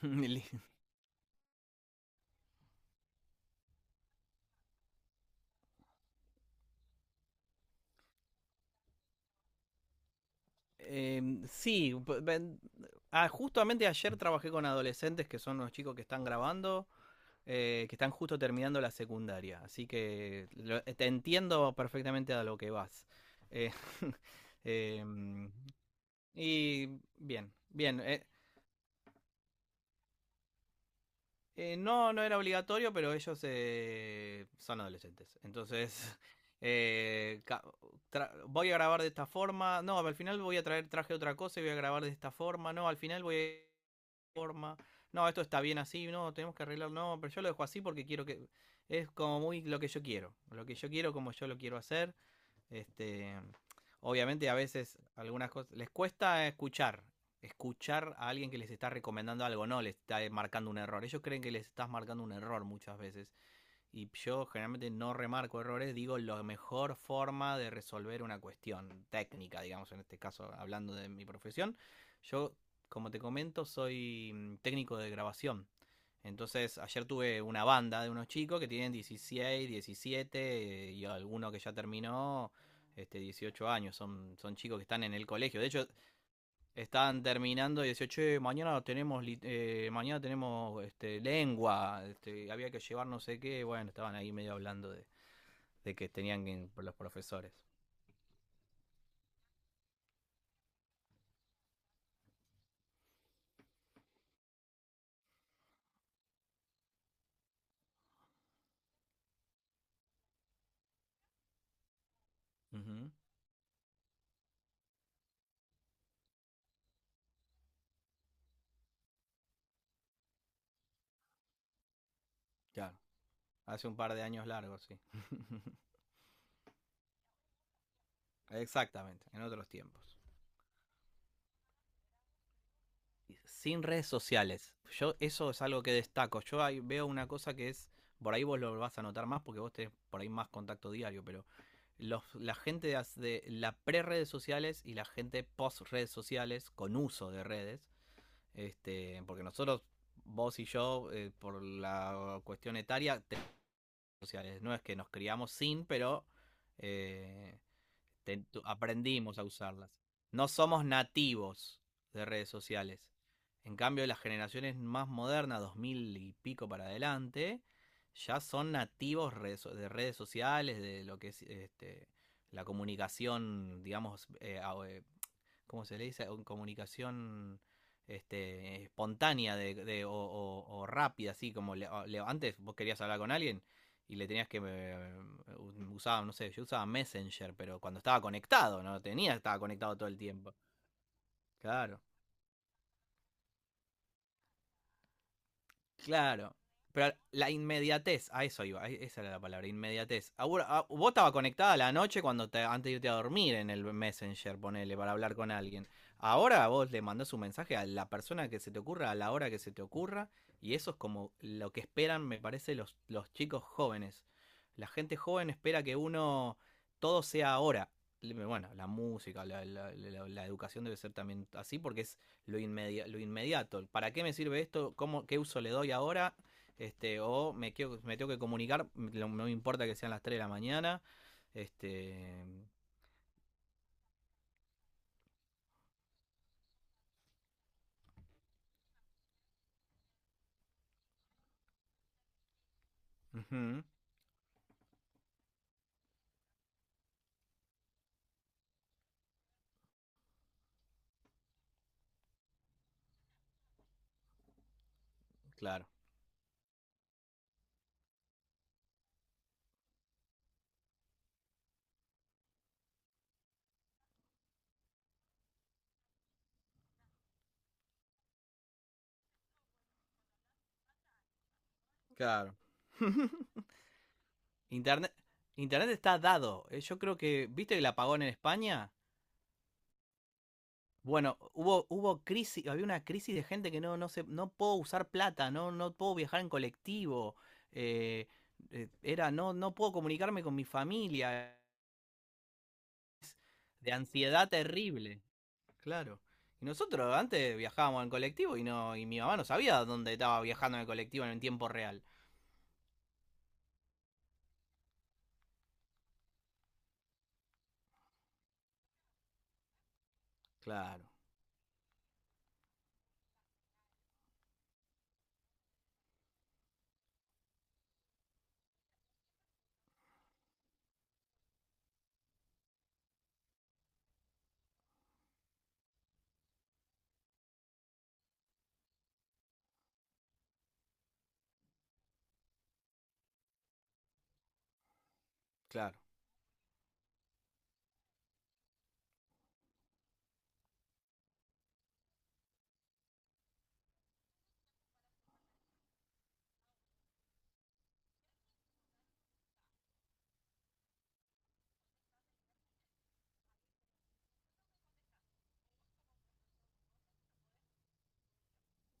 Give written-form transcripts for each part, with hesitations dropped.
Li- sí. Justamente ayer trabajé con adolescentes que son los chicos que están grabando, que están justo terminando la secundaria, así que te entiendo perfectamente a lo que vas. Eh, em, y bien, bien. No, no era obligatorio, pero ellos son adolescentes. Entonces, eh, ca- voy a grabar de esta forma. No, al final voy a traer, traje otra cosa y voy a grabar de esta forma. No, al final voy a de esta forma. No, esto está bien así. No, tenemos que arreglarlo. No, pero yo lo dejo así porque quiero que. Es como muy lo que yo quiero. Lo que yo quiero, como yo lo quiero hacer. Este, obviamente a veces algunas cosas les cuesta escuchar, escuchar a alguien que les está recomendando algo, no les está marcando un error. Ellos creen que les estás marcando un error muchas veces y yo generalmente no remarco errores, digo la mejor forma de resolver una cuestión técnica, digamos, en este caso hablando de mi profesión. Yo, como te comento, soy técnico de grabación. Entonces, ayer tuve una banda de unos chicos que tienen 16, 17 y alguno que ya terminó este 18 años, son chicos que están en el colegio. De hecho, estaban terminando y decía: che, mañana tenemos, mañana tenemos este, lengua, este, había que llevar no sé qué. Bueno, estaban ahí medio hablando de que tenían que los profesores. Ujú. Claro, hace un par de años largos, sí. Exactamente, en otros tiempos. Sin redes sociales. Yo eso es algo que destaco. Yo ahí veo una cosa que es, por ahí vos lo vas a notar más porque vos tenés por ahí más contacto diario, pero los, la gente de la pre-redes sociales y la gente post-redes sociales con uso de redes, este, porque nosotros, vos y yo, por la cuestión etaria, redes sociales. No es que nos criamos sin, pero eh, aprendimos a usarlas. No somos nativos de redes sociales. En cambio, las generaciones más modernas, 2000 y pico para adelante, ya son nativos de redes sociales, de lo que es este, la comunicación, digamos, como se le dice, comunicación este, espontánea de, o, o rápida, así como antes vos querías hablar con alguien y le tenías que usaba, no sé, yo usaba Messenger, pero cuando estaba conectado, no tenía, estaba conectado todo el tiempo. Claro. Claro. Pero la inmediatez, a eso iba, esa era la palabra, inmediatez. A vos, vos estaba conectada a la noche cuando te, antes de irte a dormir en el Messenger, ponele, para hablar con alguien. Ahora vos le mandás un mensaje a la persona que se te ocurra, a la hora que se te ocurra, y eso es como lo que esperan, me parece, los chicos jóvenes. La gente joven espera que uno, todo sea ahora. Bueno, la música, la, la educación debe ser también así, porque es lo, lo inmediato. ¿Para qué me sirve esto? ¿Cómo, ¿qué uso le doy ahora? Este, o me, me tengo que comunicar, no me importa que sean las 3 de la mañana. Este, ujú, claro. Claro. Internet, Internet está dado. Yo creo que, ¿viste el apagón en España? Bueno, hubo, hubo crisis, había una crisis de gente que no, no se, no puedo usar plata, no, no puedo viajar en colectivo, eh, era, no, no puedo comunicarme con mi familia. De ansiedad terrible. Claro. Y nosotros antes viajábamos en colectivo y no y mi mamá no sabía dónde estaba viajando en el colectivo en el tiempo real. Claro, claro,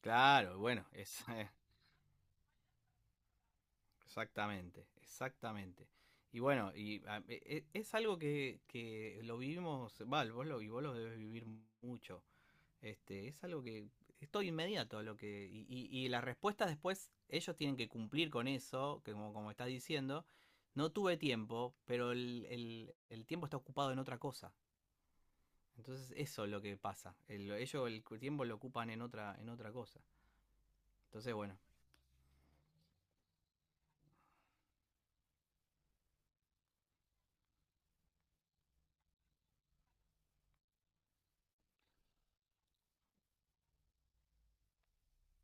claro. Bueno, es, exactamente, exactamente. Y bueno, y es algo que lo vivimos, Val, vos lo, y vos lo debes vivir mucho. Este, es algo que es todo inmediato a lo que. Y las respuestas después, ellos tienen que cumplir con eso, que como, como estás diciendo. No tuve tiempo, pero el tiempo está ocupado en otra cosa. Entonces eso es lo que pasa. Ellos el tiempo lo ocupan en otra cosa. Entonces, bueno.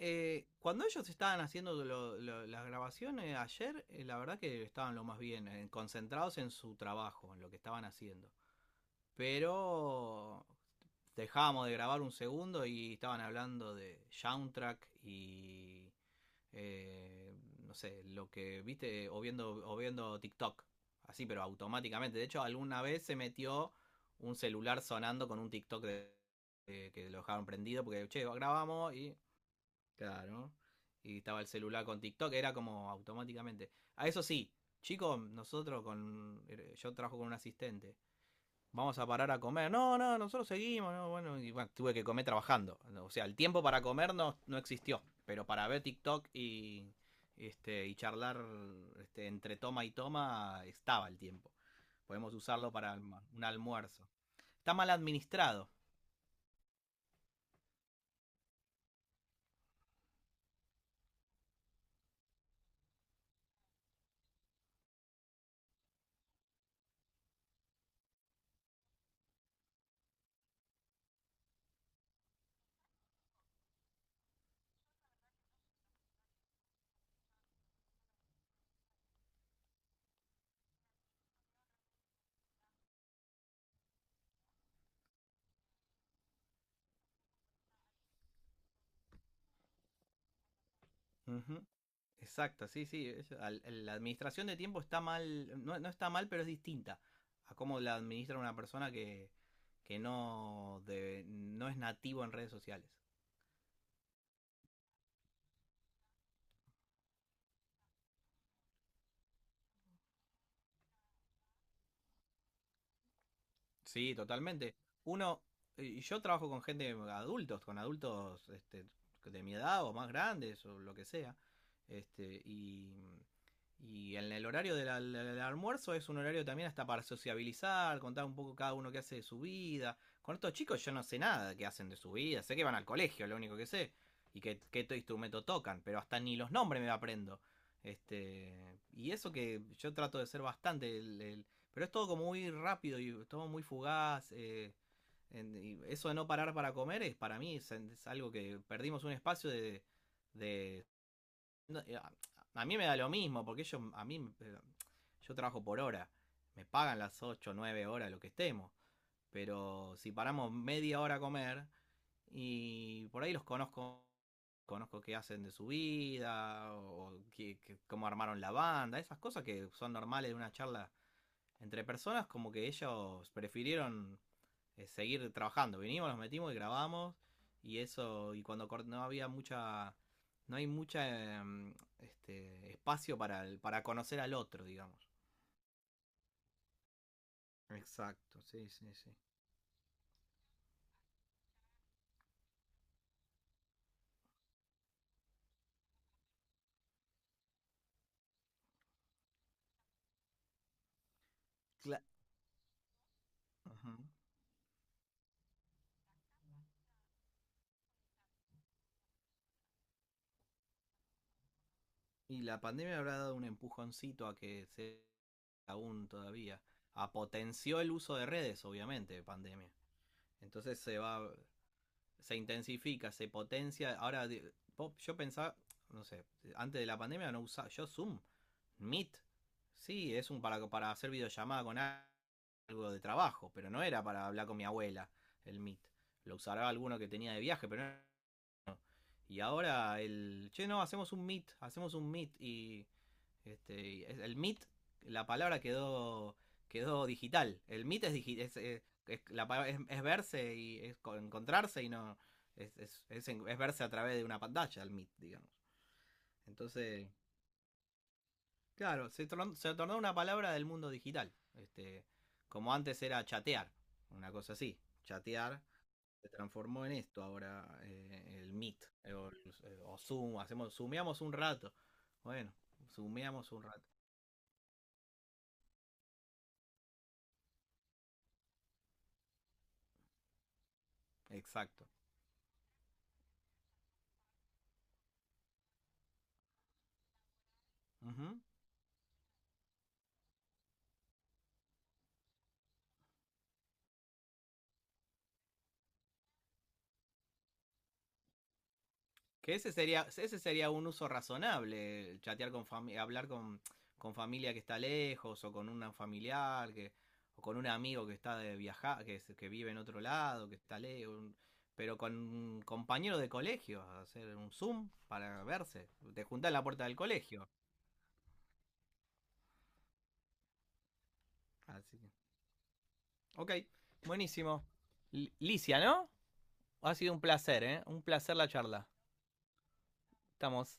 Cuando ellos estaban haciendo las grabaciones ayer, la verdad que estaban lo más bien, concentrados en su trabajo, en lo que estaban haciendo. Pero dejábamos de grabar un segundo y estaban hablando de soundtrack y no sé, lo que viste o viendo TikTok. Así, pero automáticamente. De hecho, alguna vez se metió un celular sonando con un TikTok de, que lo dejaron prendido porque, che, grabamos y... Claro. Y estaba el celular con TikTok, era como automáticamente. A eso sí, chicos, nosotros con... Yo trabajo con un asistente, vamos a parar a comer. No, no, nosotros seguimos, no, bueno, y bueno, tuve que comer trabajando. O sea, el tiempo para comer no, no existió, pero para ver TikTok y este y charlar este, entre toma y toma estaba el tiempo. Podemos usarlo para un almuerzo. Está mal administrado. Ujú. Exacto, sí, sí. La administración de tiempo está mal, no, no está mal, pero es distinta a cómo la administra una persona que no, no es nativo en redes sociales. Sí, totalmente. Uno, y yo trabajo con gente adultos, con adultos este, de mi edad o más grandes o lo que sea. Este, y en el horario del almuerzo es un horario también hasta para sociabilizar, contar un poco cada uno qué hace de su vida. Con estos chicos yo no sé nada de qué hacen de su vida, sé que van al colegio, lo único que sé, y qué, instrumento tocan, pero hasta ni los nombres me aprendo. Este, y eso que yo trato de ser bastante el, pero es todo como muy rápido y todo muy fugaz. Y eso de no parar para comer es para mí es algo que perdimos un espacio de... de- no, mí me da lo mismo, porque ellos, a mí, yo trabajo por hora. Me pagan las 8 9 horas, lo que estemos. Pero si paramos media hora a comer y por ahí los conozco, conozco qué hacen de su vida o cómo armaron la banda, esas cosas que son normales de una charla entre personas como que ellos prefirieron seguir trabajando. Vinimos, nos metimos y grabamos y eso y cuando no había mucha no hay mucha este espacio para para conocer al otro, digamos. Exacto, sí, sí, sí. Cla- Ajá. Y la pandemia habrá dado un empujoncito a que se aún todavía. A potenció el uso de redes, obviamente, pandemia. Entonces se va, se intensifica, se potencia. Ahora, yo pensaba, no sé, antes de la pandemia no usaba yo Zoom, Meet. Sí, es un para hacer videollamada con algo de trabajo, pero no era para hablar con mi abuela el Meet. Lo usará alguno que tenía de viaje, pero no y ahora el. Che, no, hacemos un meet, hacemos un meet. Y. Este, el meet, la palabra quedó quedó digital. El meet es, es, es la es verse y es encontrarse y no. Es, es verse a través de una pantalla, el meet, digamos. Entonces, claro, se tornó una palabra del mundo digital. Este, como antes era chatear, una cosa así. Chatear se transformó en esto ahora, el Meet, o Zoom, hacemos, zoomeamos un rato. Bueno, zoomeamos un rato. Exacto. Ujú. Que ese sería un uso razonable, el chatear con familia, hablar con familia que está lejos, o con un familiar, que, o con un amigo que está de viajar, que, que vive en otro lado, que está lejos. Un- Pero con un compañero de colegio, hacer un Zoom para verse. Te juntás en la puerta del colegio. Así Ok, buenísimo. Licia, ¿no? Ha sido un placer, ¿eh? Un placer la charla. Estamos.